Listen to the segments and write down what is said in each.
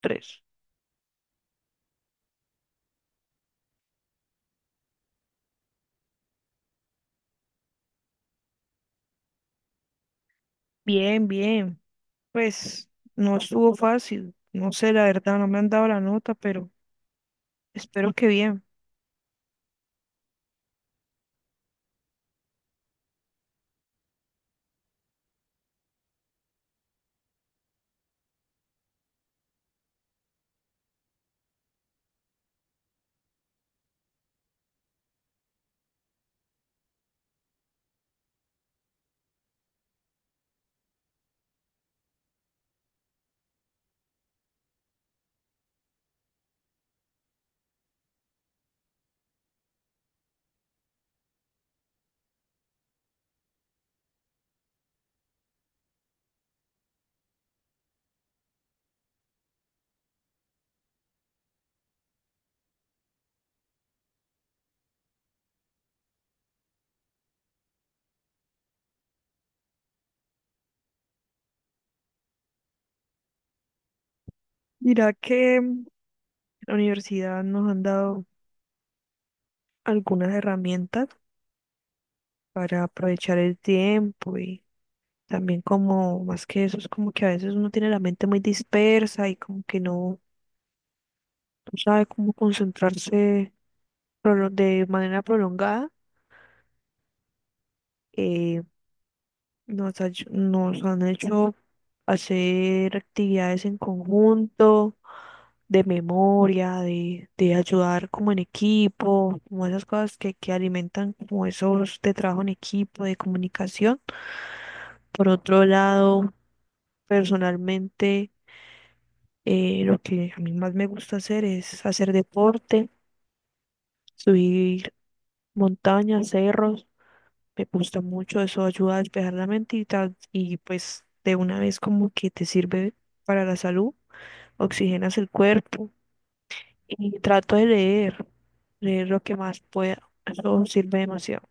Tres. Bien, bien. Pues no estuvo fácil. No sé, la verdad, no me han dado la nota, pero espero que bien. Mira que la universidad nos han dado algunas herramientas para aprovechar el tiempo y también como, más que eso, es como que a veces uno tiene la mente muy dispersa y como que no sabe cómo concentrarse de manera prolongada. eh, nos han hecho hacer actividades en conjunto, de memoria, de ayudar como en equipo, como esas cosas que alimentan como esos de trabajo en equipo, de comunicación. Por otro lado, personalmente, lo que a mí más me gusta hacer es hacer deporte, subir montañas, cerros. Me gusta mucho, eso ayuda a despejar la mente y, tal, y pues de una vez como que te sirve para la salud, oxigenas el cuerpo y trato de leer, leer lo que más pueda, eso sirve demasiado.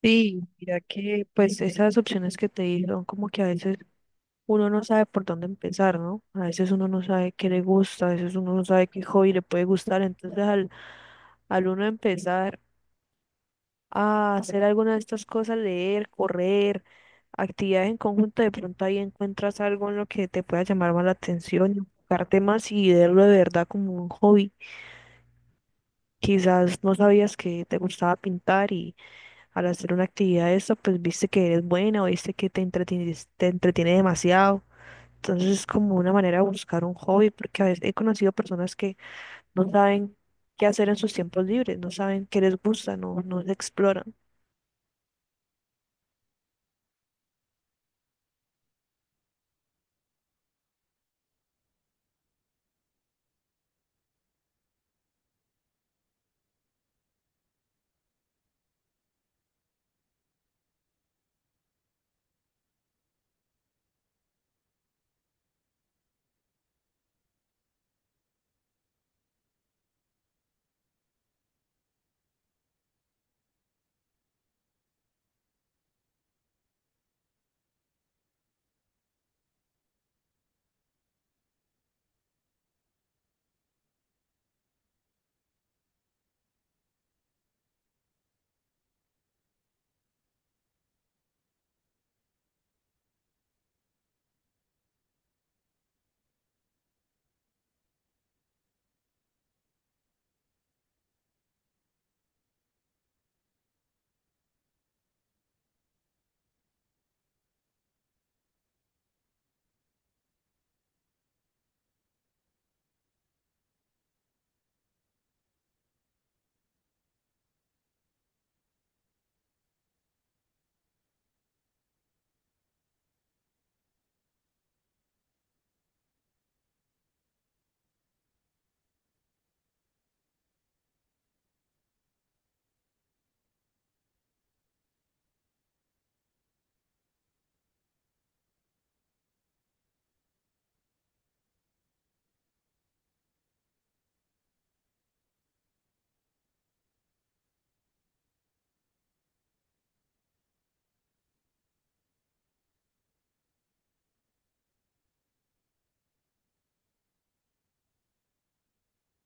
Sí, mira que pues esas opciones que te di son como que a veces uno no sabe por dónde empezar, ¿no? A veces uno no sabe qué le gusta, a veces uno no sabe qué hobby le puede gustar, entonces al uno empezar a hacer alguna de estas cosas, leer, correr, actividades en conjunto, de pronto ahí encuentras algo en lo que te pueda llamar más la atención, y enfocarte más y verlo de verdad como un hobby. Quizás no sabías que te gustaba pintar y al hacer una actividad de esta, pues viste que eres buena o viste que te entretiene demasiado. Entonces es como una manera de buscar un hobby, porque a veces he conocido personas que no saben qué hacer en sus tiempos libres, no saben qué les gusta, no se exploran.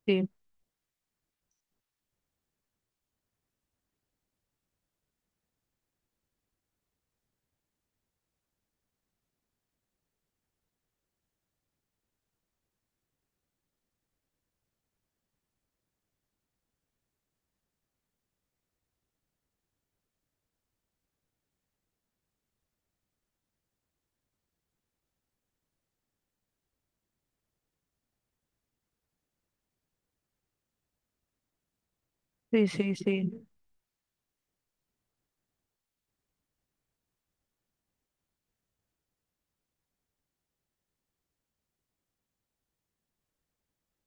Sí, sí, sí, sí.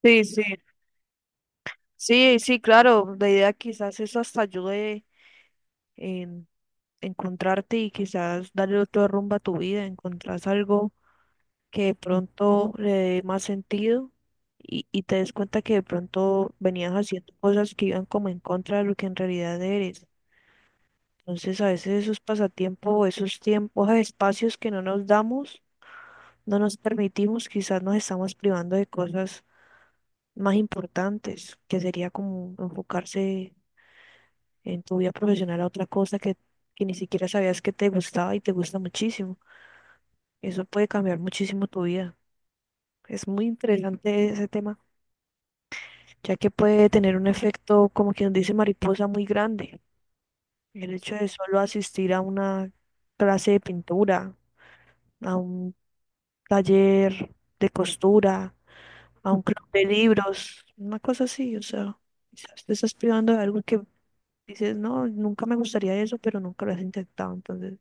Sí, sí, sí, sí, claro. La idea quizás eso hasta ayude en encontrarte y quizás darle otro rumbo a tu vida, encontrás algo que de pronto le dé más sentido y te des cuenta que de pronto venías haciendo cosas que iban como en contra de lo que en realidad eres. Entonces a veces esos pasatiempos, esos tiempos, esos espacios que no nos damos, no nos permitimos, quizás nos estamos privando de cosas más importantes, que sería como enfocarse en tu vida profesional a otra cosa que ni siquiera sabías que te gustaba y te gusta muchísimo. Eso puede cambiar muchísimo tu vida. Es muy interesante ese tema, ya que puede tener un efecto, como quien dice mariposa, muy grande. El hecho de solo asistir a una clase de pintura, a un taller de costura, a un club de libros, una cosa así, o sea, quizás te estás privando de algo que dices, no, nunca me gustaría eso, pero nunca lo has intentado, entonces.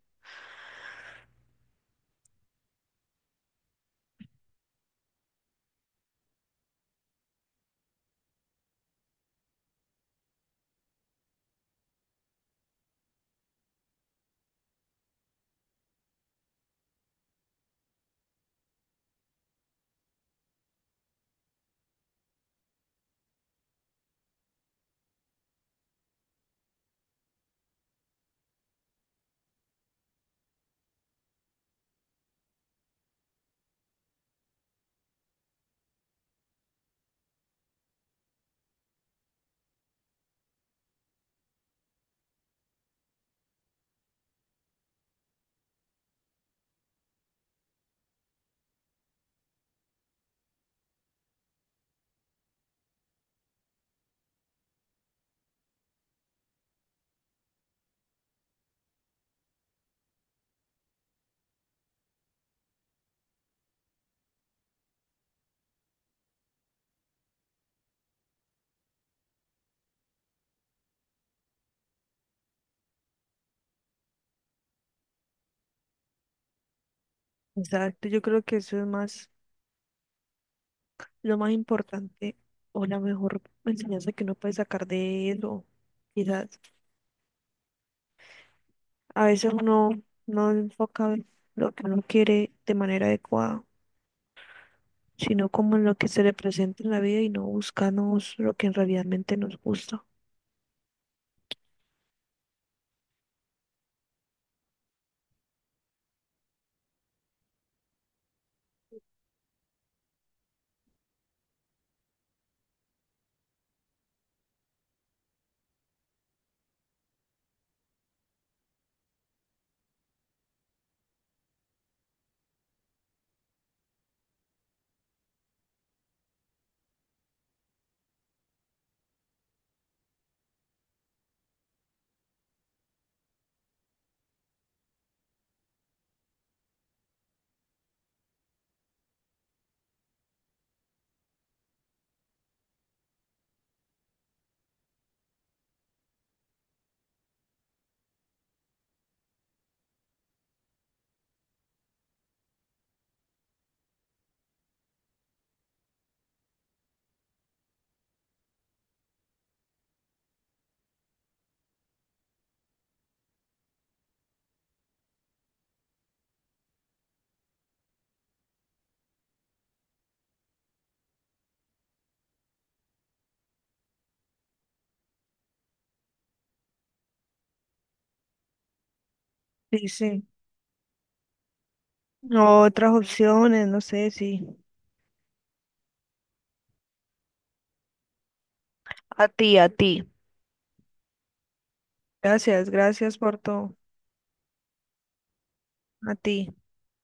Exacto, yo creo que eso es más, lo más importante o la mejor enseñanza que uno puede sacar de eso. Quizás a veces uno no enfoca lo que uno quiere de manera adecuada, sino como en lo que se le presenta en la vida y no buscamos lo que realmente nos gusta. Sí, sí. No, otras opciones, no sé si. A ti, a ti. Gracias, gracias por todo. A ti.